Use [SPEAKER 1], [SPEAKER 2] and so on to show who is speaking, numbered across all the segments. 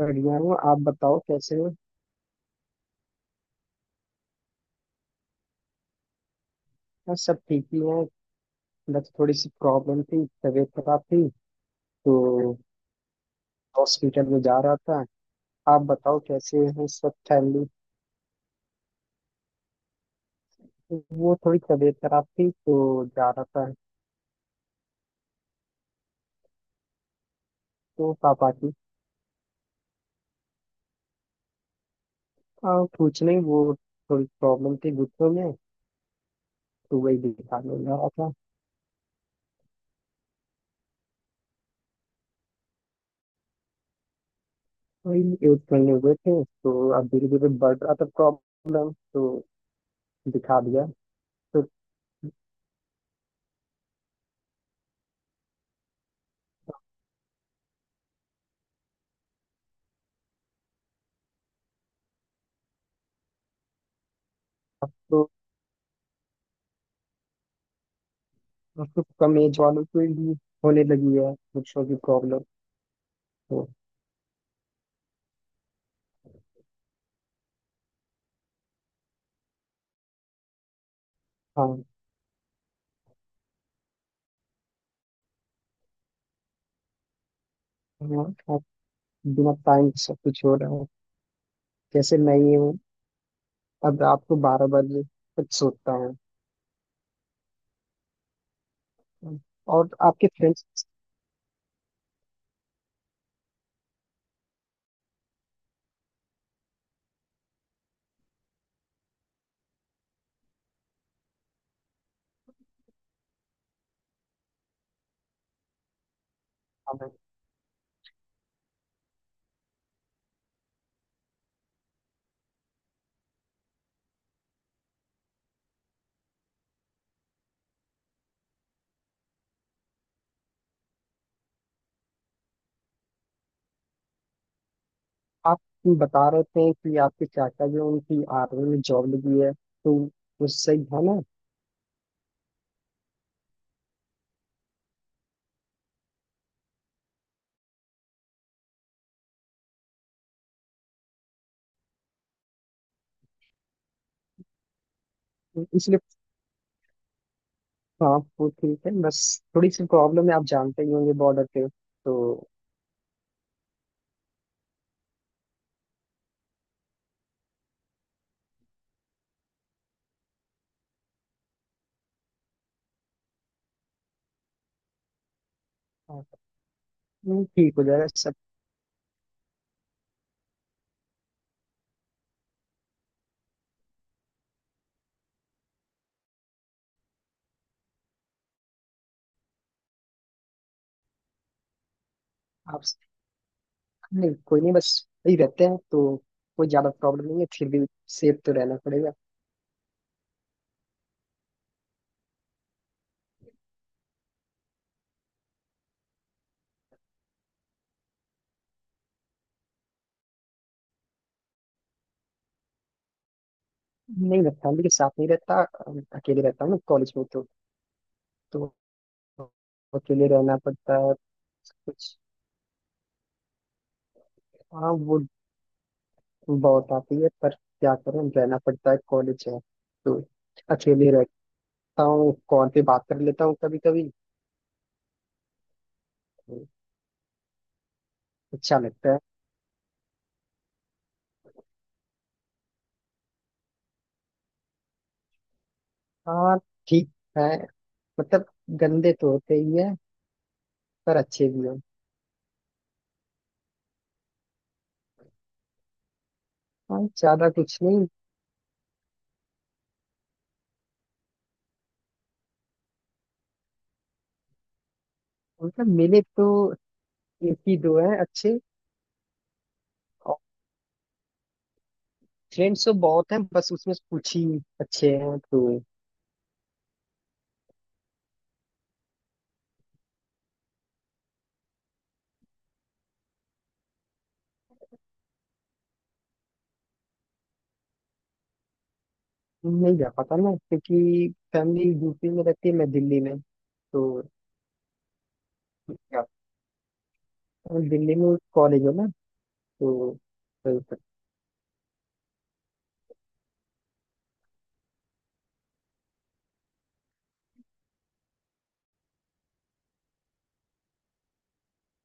[SPEAKER 1] बढ़िया हूँ। आप बताओ कैसे हो। बस सब ठीक ही है। बस थोड़ी सी प्रॉब्लम थी, तबीयत खराब थी, तो हॉस्पिटल में जा रहा था। आप बताओ कैसे हैं सब फैमिली। वो थोड़ी तबीयत खराब थी तो जा रहा था। तो पापा की। कुछ नहीं, वो थोड़ी प्रॉब्लम थी घुटनों में, तो वही दिखाने जा रहा था। वही, एक महीने हुए थे, तो अब धीरे धीरे बढ़ रहा था प्रॉब्लम, तो दिखा दिया। तो, तो, तो कम एज वालों को भी होने लगी है घुटनों की प्रॉब्लम, तो हाँ। हाँ, आप, बिना टाइम सब कुछ हो रहा है। जैसे मैं ये हूँ, अब रात को 12 बजे तक सोता हूँ। और आपके फ्रेंड्स, आप बता रहे थे कि आपके चाचा जो हैं, उनकी आर्मी में जॉब लगी है, तो वो सही है ना। तो इसलिए, हाँ वो ठीक है, बस थोड़ी सी प्रॉब्लम है, आप जानते ही होंगे बॉर्डर पे, तो हाँ। ठीक हो जाएगा सब। आप। नहीं कोई नहीं, बस सही रहते हैं, तो कोई ज्यादा प्रॉब्लम नहीं है, फिर भी सेफ तो रहना पड़ेगा। नहीं मैं फैमिली के साथ नहीं रहता, अकेले रहता हूँ ना, कॉलेज में तो। तो अकेले रहना पड़ता है। कुछ। हाँ वो, बहुत आती है पर क्या करें, रहना पड़ता है, कॉलेज है, तो अकेले रहता हूँ। कॉल पे बात कर लेता हूँ कभी कभी। अच्छा लगता है। हाँ, ठीक है। मतलब गंदे तो होते ही है, पर अच्छे भी हैं। हाँ, ज्यादा कुछ नहीं। मतलब मिले तो एक ही दो हैं अच्छे। और फ्रेंड्स तो बहुत हैं, बस उसमें से कुछ ही अच्छे हैं, तो नहीं जा पाता ना, क्योंकि फैमिली यूपी में रहती है, मैं दिल्ली में, तो क्या। दिल्ली में कॉलेज है ना, तो। तो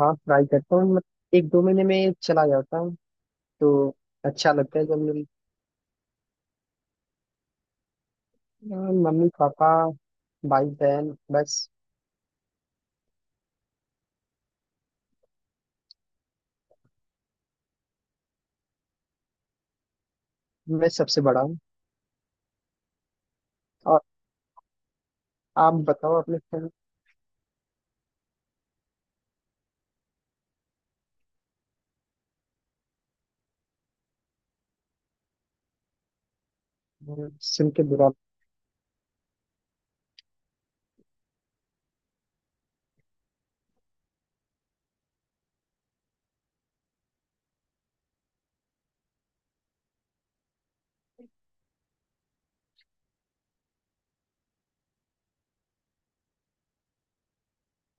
[SPEAKER 1] हाँ, ट्राई करता हूँ, मतलब एक दो महीने में चला जाता हूँ, तो अच्छा लगता है जब मेरी। हाँ, मम्मी पापा, भाई बहन बस। मैं सबसे बड़ा हूँ। और आप बताओ अपने friend-। सुन के बुरा।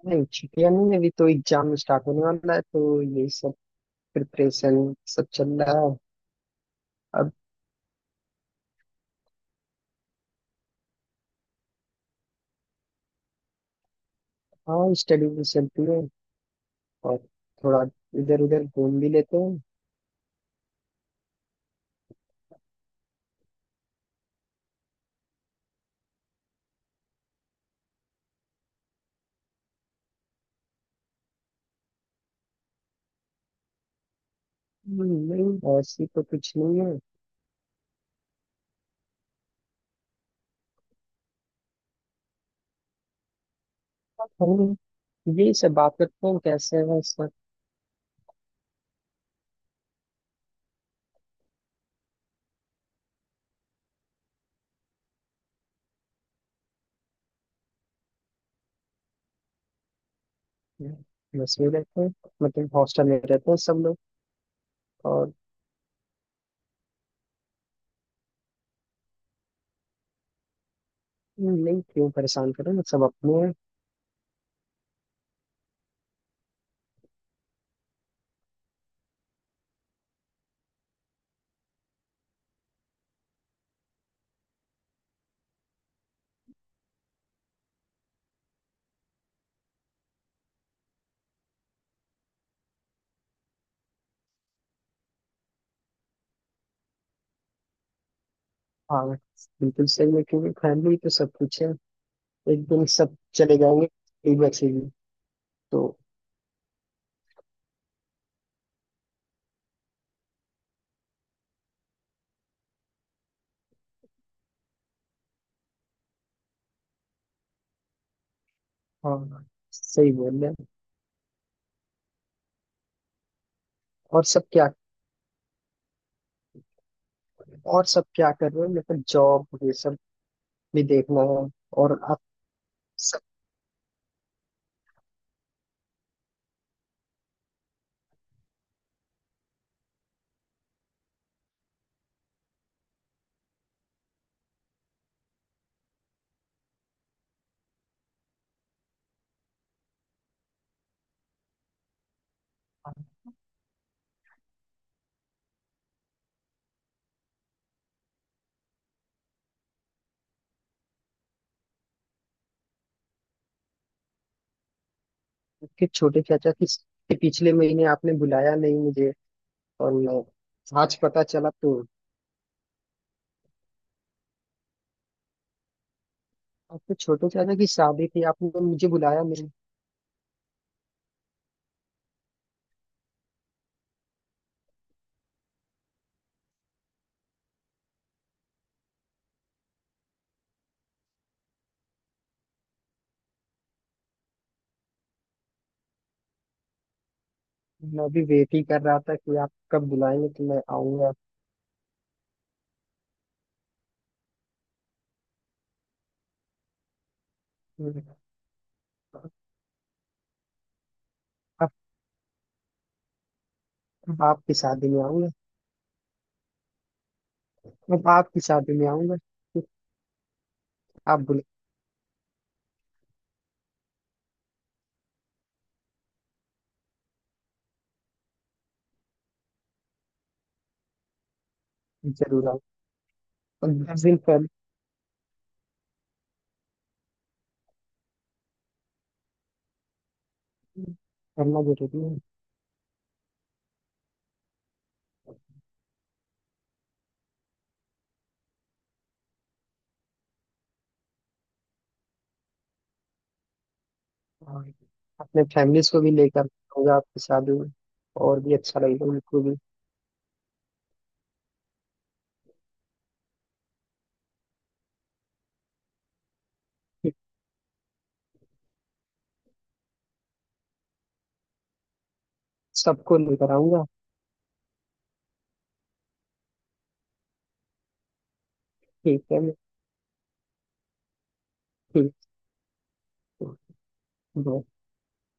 [SPEAKER 1] नहीं, छुट्टियाँ नहीं है, अभी तो एग्जाम स्टार्ट होने वाला है, तो ये सब प्रिपरेशन सब चल रहा है अब। हाँ, स्टडी भी चलती है, और थोड़ा इधर उधर घूम भी लेते हैं। हम्म, नहीं ऐसी तो कुछ नहीं है। हम यही सब बात करते हैं, कैसे है इस वक्त। बस में रहते हैं, मतलब हॉस्टल में रहते हैं सब लोग। और नहीं क्यों परेशान करें ना, सब अपने हैं। हाँ बिल्कुल सही है, क्योंकि फैमिली तो सब कुछ है। एक दिन सब चले जाएंगे, एक बच्चे भी, तो हाँ, सही बोल रहे हैं। और सब क्या। और सब क्या कर रहे हैं, मतलब जॉब ये सब भी देखना है। और आप, उसके छोटे चाचा, किस के पिछले महीने आपने बुलाया नहीं मुझे, और मैं आज पता चला, तो आपके छोटे चाचा की शादी थी, आपने तो मुझे बुलाया नहीं। मैं भी वेट ही कर रहा था कि आप कब बुलाएंगे तो मैं आऊंगा। अब अब आपकी शादी में आऊंगा। अब आपकी शादी में आऊंगा, तो आप बुला। जरूर आओ। और 10 दिन पहले करना जरूरी है। और अपने फैमिलीज को भी लेकर आऊंगा आपकी शादी में, और भी अच्छा लगेगा उनको भी। सबको लेकर आऊंगा। ठीक है। कर दो।